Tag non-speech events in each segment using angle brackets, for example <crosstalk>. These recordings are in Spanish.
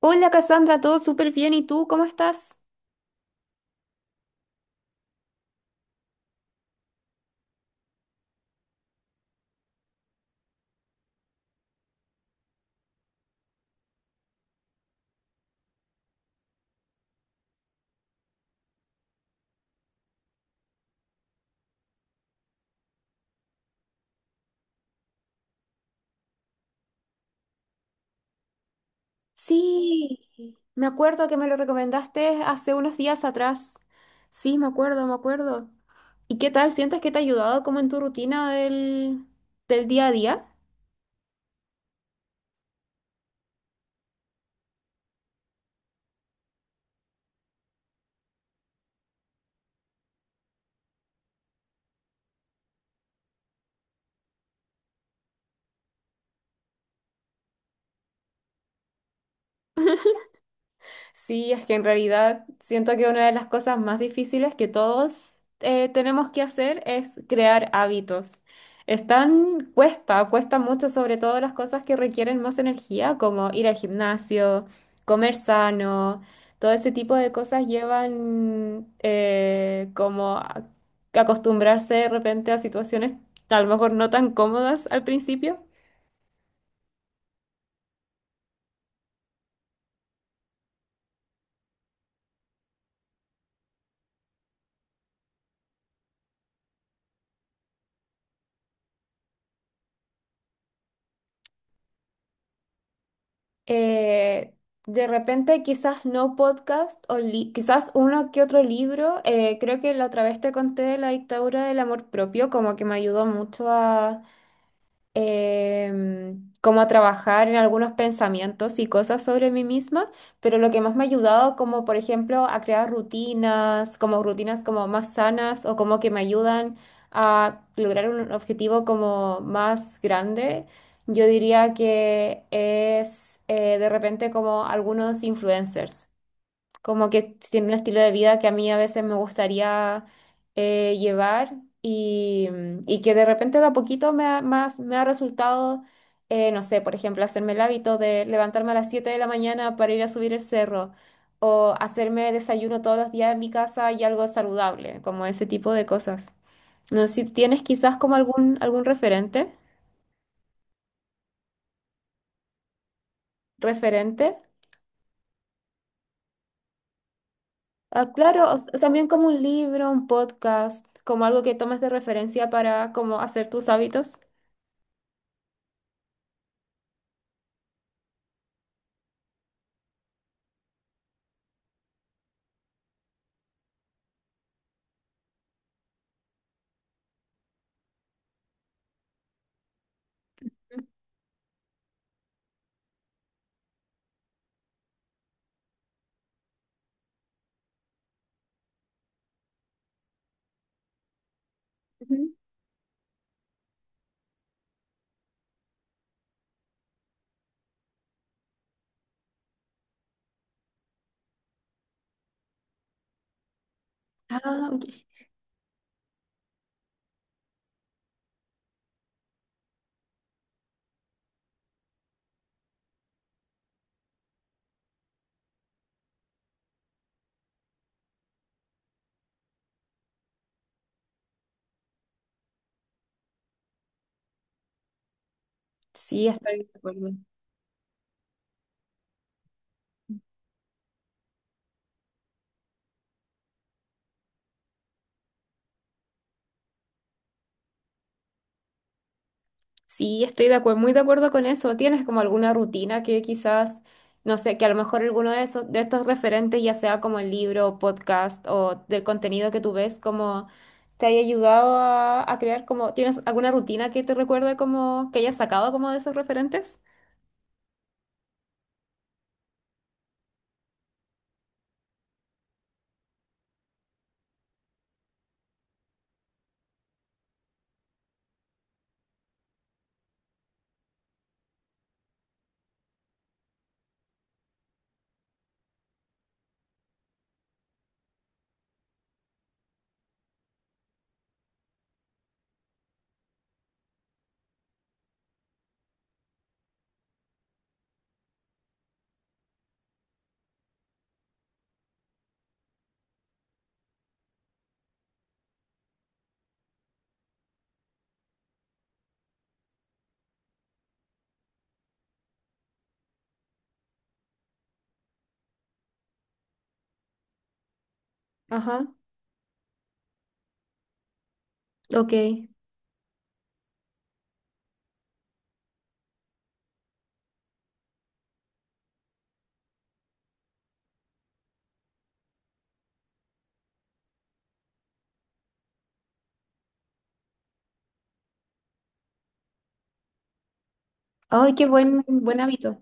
Hola Cassandra, todo súper bien. ¿Y tú cómo estás? Sí, me acuerdo que me lo recomendaste hace unos días atrás. Sí, me acuerdo, me acuerdo. ¿Y qué tal? ¿Sientes que te ha ayudado como en tu rutina del día a día? Sí, es que en realidad siento que una de las cosas más difíciles que todos tenemos que hacer es crear hábitos. Están, cuesta mucho, sobre todo las cosas que requieren más energía, como ir al gimnasio, comer sano, todo ese tipo de cosas llevan como acostumbrarse de repente a situaciones a lo mejor no tan cómodas al principio. eh, de repente quizás no podcast o quizás uno que otro libro. Creo que la otra vez te conté de la dictadura del amor propio, como que me ayudó mucho como a trabajar en algunos pensamientos y cosas sobre mí misma, pero lo que más me ha ayudado, como por ejemplo, a crear rutinas como más sanas o como que me ayudan a lograr un objetivo como más grande, yo diría que es de repente como algunos influencers como que tiene un estilo de vida que a mí a veces me gustaría llevar y que de repente de a poquito me ha resultado, no sé, por ejemplo, hacerme el hábito de levantarme a las 7 de la mañana para ir a subir el cerro o hacerme desayuno todos los días en mi casa y algo saludable, como ese tipo de cosas. No sé si tienes quizás como algún referente, referente. Ah, claro, también como un libro, un podcast, como algo que tomes de referencia para como hacer tus hábitos. Ujú. Ah, ok. Sí, estoy de acuerdo. Sí, estoy de acuerdo, muy de acuerdo con eso. ¿Tienes como alguna rutina que quizás, no sé, que a lo mejor alguno de esos, de estos referentes, ya sea como el libro, podcast o del contenido que tú ves, como te haya ayudado a crear como, ¿tienes alguna rutina que te recuerde como que hayas sacado como de esos referentes? Ajá, ok. Ay, qué buen, buen hábito.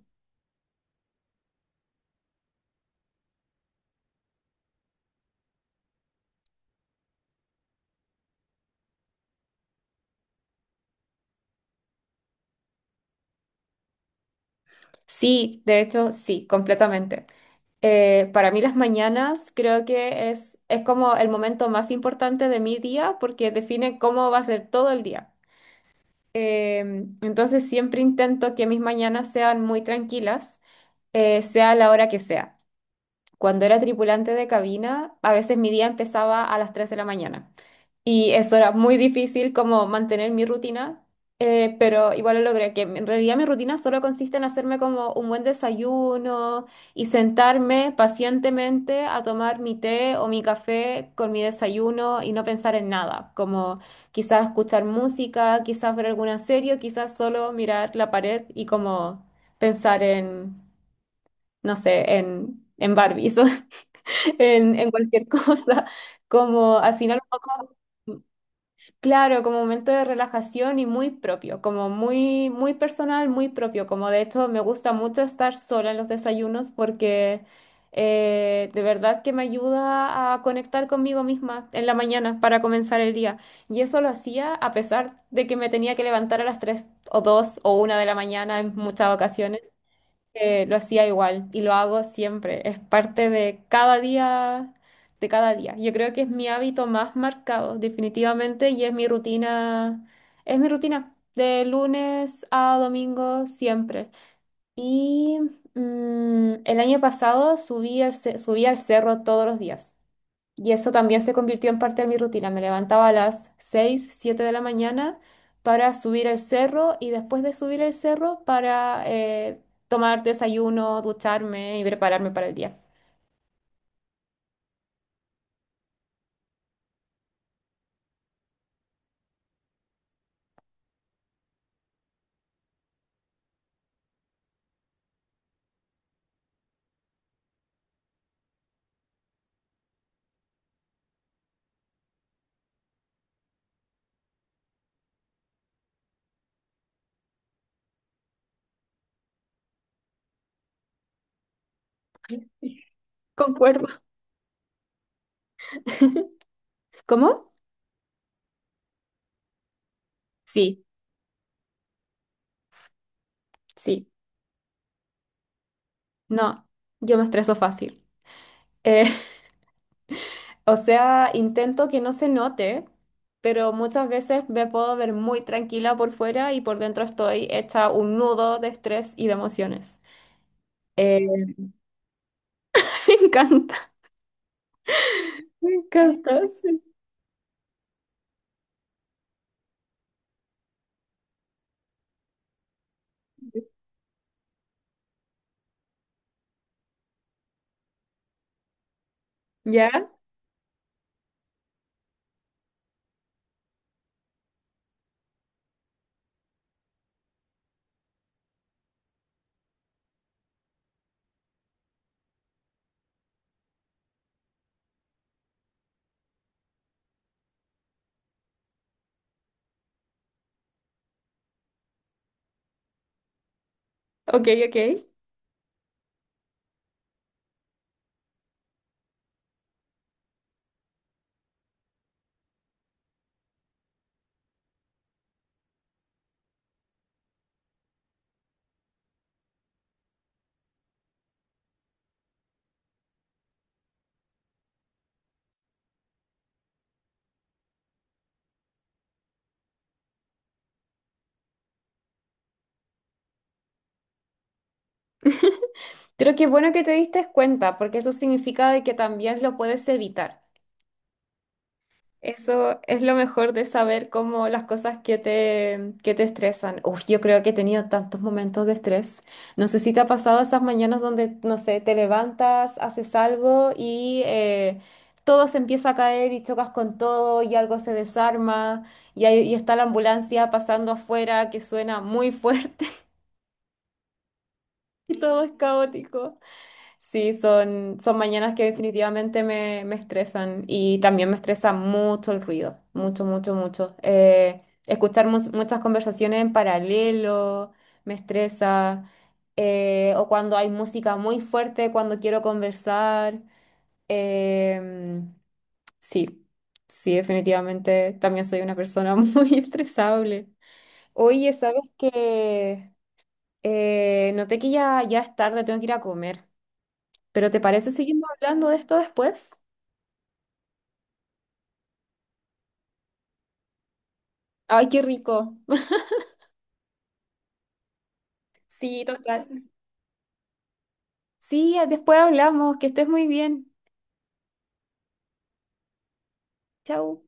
Sí, de hecho, sí, completamente. Para mí las mañanas creo que es como el momento más importante de mi día porque define cómo va a ser todo el día. Eh, entonces siempre intento que mis mañanas sean muy tranquilas, sea la hora que sea. Cuando era tripulante de cabina, a veces mi día empezaba a las 3 de la mañana. Y eso era muy difícil como mantener mi rutina, pero igual lo logré, que en realidad mi rutina solo consiste en hacerme como un buen desayuno y sentarme pacientemente a tomar mi té o mi café con mi desayuno y no pensar en nada, como quizás escuchar música, quizás ver alguna serie, o quizás solo mirar la pared y como pensar en, no sé, en, Barbies <laughs> o en cualquier <laughs> cosa, como al final. Claro, como momento de relajación y muy propio, como muy, muy personal, muy propio. Como de hecho me gusta mucho estar sola en los desayunos porque de verdad que me ayuda a conectar conmigo misma en la mañana para comenzar el día. Y eso lo hacía a pesar de que me tenía que levantar a las 3 o 2 o 1 de la mañana en muchas ocasiones. Lo hacía igual y lo hago siempre. Es parte de cada día, de cada día. Yo creo que es mi hábito más marcado, definitivamente, y es mi rutina de lunes a domingo siempre. Y el año pasado subí al cerro todos los días. Y eso también se convirtió en parte de mi rutina. Me levantaba a las 6, 7 de la mañana para subir el cerro y después de subir el cerro para tomar desayuno, ducharme y prepararme para el día. <laughs> Concuerdo. <laughs> ¿Cómo? Sí, sí. No, yo me estreso fácil. Eh, <laughs> o sea, intento que no se note, pero muchas veces me puedo ver muy tranquila por fuera y por dentro estoy hecha un nudo de estrés y de emociones. Eh, <laughs> Me encanta. Me encanta, sí. ¿Ya? Ok, ok. Creo que es bueno que te diste cuenta, porque eso significa de que también lo puedes evitar. Eso es lo mejor de saber cómo las cosas que te estresan. Uf, yo creo que he tenido tantos momentos de estrés. No sé si te ha pasado esas mañanas donde, no sé, te levantas, haces algo y todo se empieza a caer y chocas con todo y algo se desarma y está la ambulancia pasando afuera que suena muy fuerte <laughs> y todo es caótico. Sí, son mañanas que definitivamente me estresan y también me estresa mucho el ruido, mucho, mucho, mucho. Escuchar muchas conversaciones en paralelo me estresa, o cuando hay música muy fuerte, cuando quiero conversar. Em, sí, sí, definitivamente también soy una persona <laughs> muy estresable. Oye, ¿sabes qué? Noté que ya, ya es tarde, tengo que ir a comer. ¿Pero te parece seguimos hablando de esto después? Ay, qué rico. <laughs> Sí, total. Sí, después hablamos. Que estés muy bien. Chau.